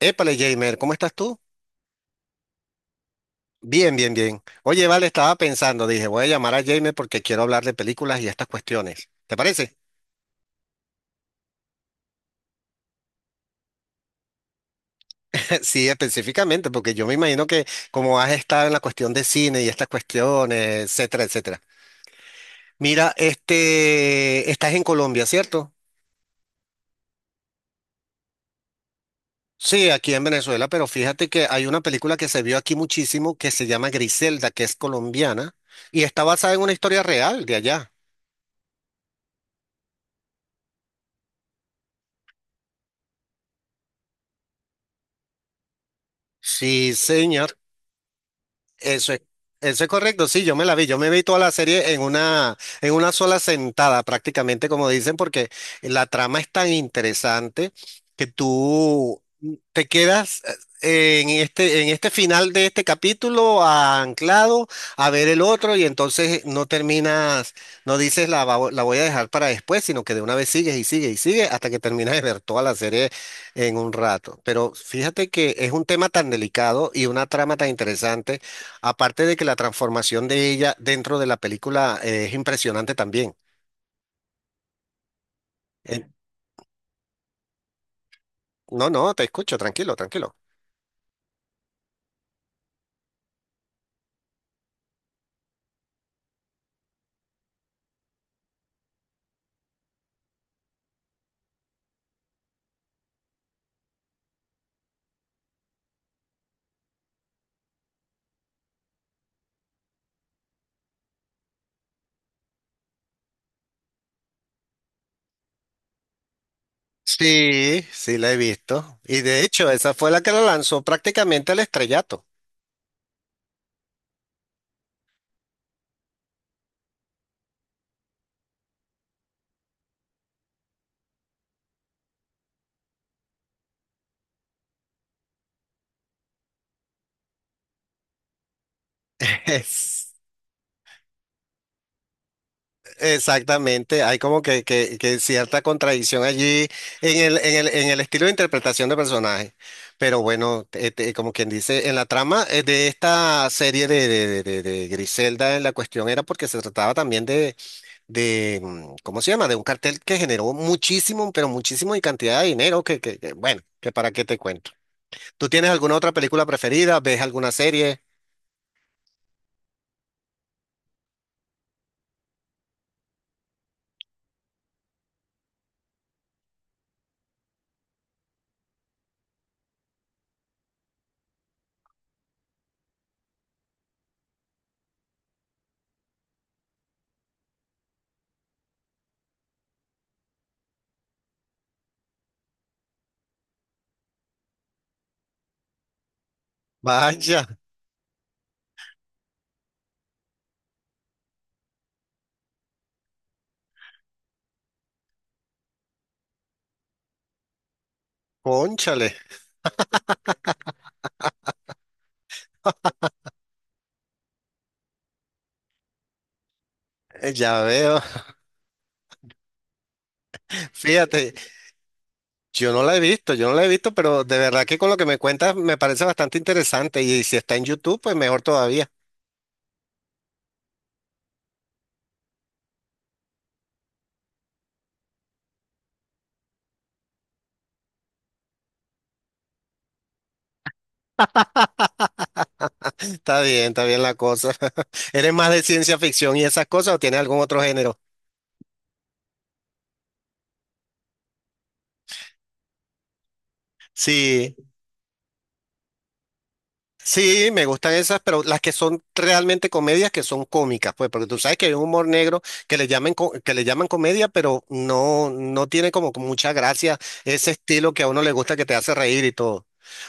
Épale, Jamer, ¿cómo estás tú? Bien, bien, bien. Oye, vale, estaba pensando, dije, voy a llamar a Jamer porque quiero hablar de películas y estas cuestiones. ¿Te parece? Sí, específicamente, porque yo me imagino que como has estado en la cuestión de cine y estas cuestiones, etcétera, etcétera. Mira, este, estás en Colombia, ¿cierto? Sí, aquí en Venezuela, pero fíjate que hay una película que se vio aquí muchísimo que se llama Griselda, que es colombiana y está basada en una historia real de allá. Sí, señor. Eso es, eso es correcto, sí, yo me la vi, yo me vi toda la serie en una sola sentada, prácticamente como dicen, porque la trama es tan interesante que tú te quedas en este final de este capítulo anclado a ver el otro y entonces no terminas, no dices la, la voy a dejar para después, sino que de una vez sigues y sigues y sigues hasta que terminas de ver toda la serie en un rato. Pero fíjate que es un tema tan delicado y una trama tan interesante. Aparte de que la transformación de ella dentro de la película es impresionante también. Eh, no, no, te escucho, tranquilo, tranquilo. Sí, sí la he visto. Y de hecho, esa fue la que la lanzó prácticamente al estrellato. Es- Exactamente, hay como que, que cierta contradicción allí en el, en el, en el estilo de interpretación de personaje. Pero bueno, este, como quien dice, en la trama de esta serie de, de Griselda, en la cuestión era porque se trataba también de, ¿cómo se llama? De un cartel que generó muchísimo, pero muchísimo y cantidad de dinero que, bueno, que para qué te cuento. ¿Tú tienes alguna otra película preferida? ¿Ves alguna serie? Vaya, cónchale, ya veo. Fíjate, yo no la he visto, yo no la he visto, pero de verdad que con lo que me cuentas me parece bastante interesante y si está en YouTube, pues mejor todavía. Está bien la cosa. ¿Eres más de ciencia ficción y esas cosas o tienes algún otro género? Sí. Sí, me gustan esas, pero las que son realmente comedias que son cómicas, pues, porque tú sabes que hay un humor negro que le llaman que le llaman comedia, pero no no tiene como que mucha gracia ese estilo que a uno le gusta que te hace reír y todo.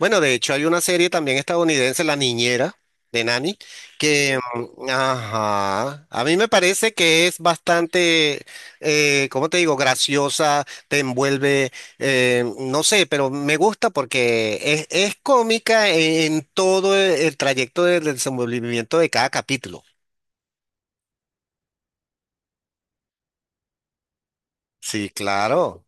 Bueno, de hecho hay una serie también estadounidense, La Niñera de Nanny, que mm, ajá, a mí me parece que es bastante, ¿cómo te digo? Graciosa, te envuelve no sé, pero me gusta porque es cómica en todo el trayecto del desenvolvimiento de cada capítulo. Sí, claro.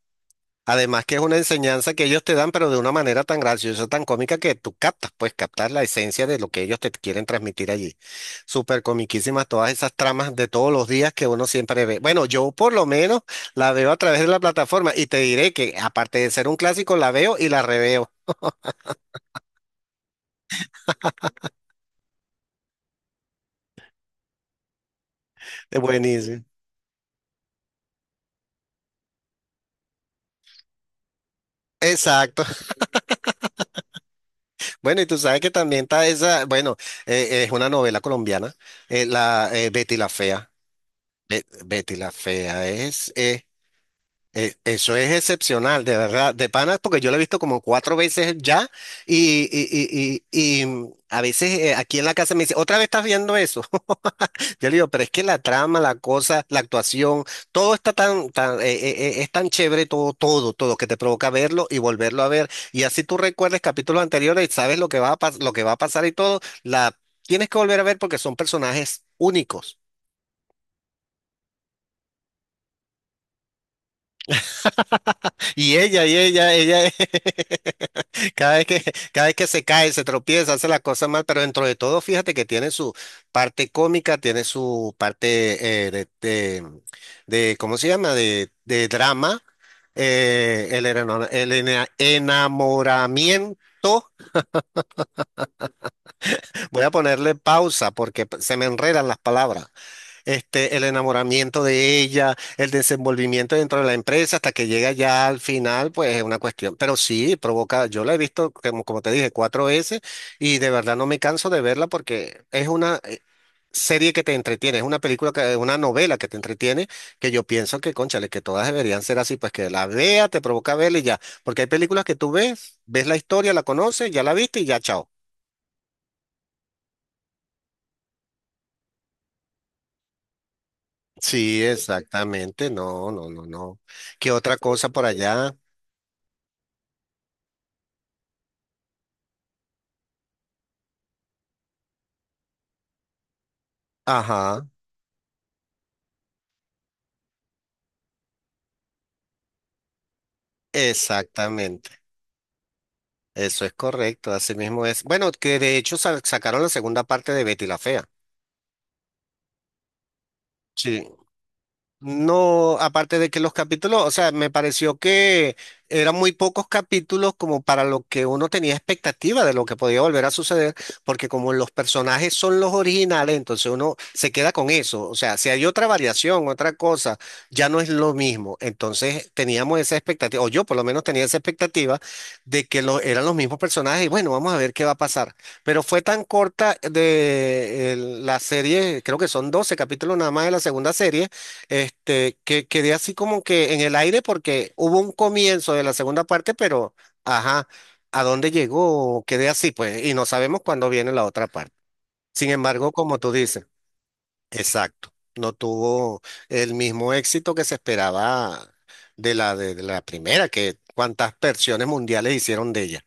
Además que es una enseñanza que ellos te dan, pero de una manera tan graciosa, tan cómica que tú captas, pues captar la esencia de lo que ellos te quieren transmitir allí. Súper comiquísimas todas esas tramas de todos los días que uno siempre ve. Bueno, yo por lo menos la veo a través de la plataforma y te diré que aparte de ser un clásico, la veo y la reveo. Es buenísimo. Exacto. Bueno, y tú sabes que también está esa, bueno, es una novela colombiana, la Betty la Fea. Betty la Fea es, eso es excepcional, de verdad, de panas, porque yo lo he visto como 4 veces ya y, a veces aquí en la casa me dice, otra vez estás viendo eso. Yo le digo, pero es que la trama, la cosa, la actuación, todo está tan, tan es tan chévere, todo, todo, todo, que te provoca verlo y volverlo a ver. Y así tú recuerdes capítulos anteriores y sabes lo que va a lo que va a pasar y todo, la tienes que volver a ver porque son personajes únicos. Y ella, ella. Cada vez que, cada vez que se cae, se tropieza, hace las cosas mal, pero dentro de todo, fíjate que tiene su parte cómica, tiene su parte ¿cómo se llama? De drama, el, eno- el ena- enamoramiento. Voy a ponerle pausa porque se me enredan las palabras este, el enamoramiento de ella, el desenvolvimiento dentro de la empresa, hasta que llega ya al final, pues es una cuestión. Pero sí, provoca, yo la he visto, como, como te dije, 4 veces y de verdad no me canso de verla porque es una serie que te entretiene, es una película, que, una novela que te entretiene, que yo pienso que, cónchale, que todas deberían ser así, pues que la vea, te provoca verla y ya. Porque hay películas que tú ves, ves la historia, la conoces, ya la viste y ya, chao. Sí, exactamente, no, no, no, no. ¿Qué otra cosa por allá? Ajá, exactamente. Eso es correcto, así mismo es. Bueno, que de hecho sacaron la segunda parte de Betty la Fea. Sí. No, aparte de que los capítulos, o sea, me pareció que eran muy pocos capítulos como para lo que uno tenía expectativa de lo que podía volver a suceder, porque como los personajes son los originales, entonces uno se queda con eso. O sea, si hay otra variación, otra cosa, ya no es lo mismo. Entonces teníamos esa expectativa, o yo por lo menos tenía esa expectativa de que lo, eran los mismos personajes y bueno, vamos a ver qué va a pasar. Pero fue tan corta de la serie, creo que son 12 capítulos nada más de la segunda serie este, que quedé así como que en el aire porque hubo un comienzo de la segunda parte, pero ajá, ¿a dónde llegó? Quedé así, pues, y no sabemos cuándo viene la otra parte. Sin embargo, como tú dices, exacto, no tuvo el mismo éxito que se esperaba de la primera, que cuántas versiones mundiales hicieron de ella.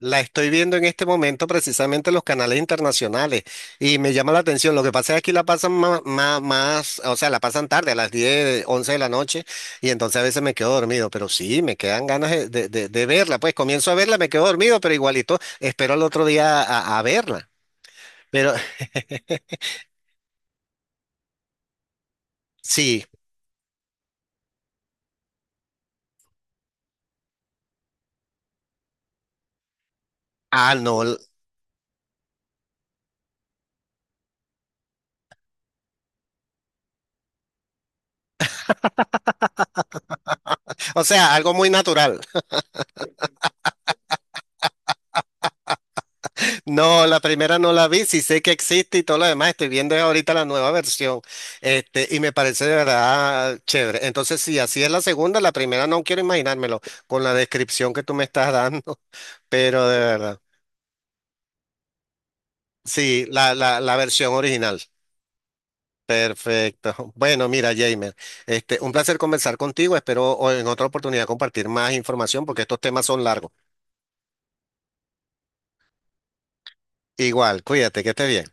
La estoy viendo en este momento precisamente en los canales internacionales y me llama la atención. Lo que pasa es que aquí la pasan más, más, o sea, la pasan tarde, a las 10, 11 de la noche y entonces a veces me quedo dormido, pero sí, me quedan ganas de, de verla. Pues comienzo a verla, me quedo dormido, pero igualito espero al otro día a verla. Pero sí, ah, no, o sea, algo muy natural. No, la primera no la vi, sí sé que existe y todo lo demás, estoy viendo ahorita la nueva versión, este, y me parece de verdad chévere. Entonces, si así es la segunda, la primera no quiero imaginármelo con la descripción que tú me estás dando, pero de verdad, sí, la versión original. Perfecto. Bueno, mira, Jamer, este, un placer conversar contigo, espero en otra oportunidad compartir más información porque estos temas son largos. Igual, cuídate, que estés bien.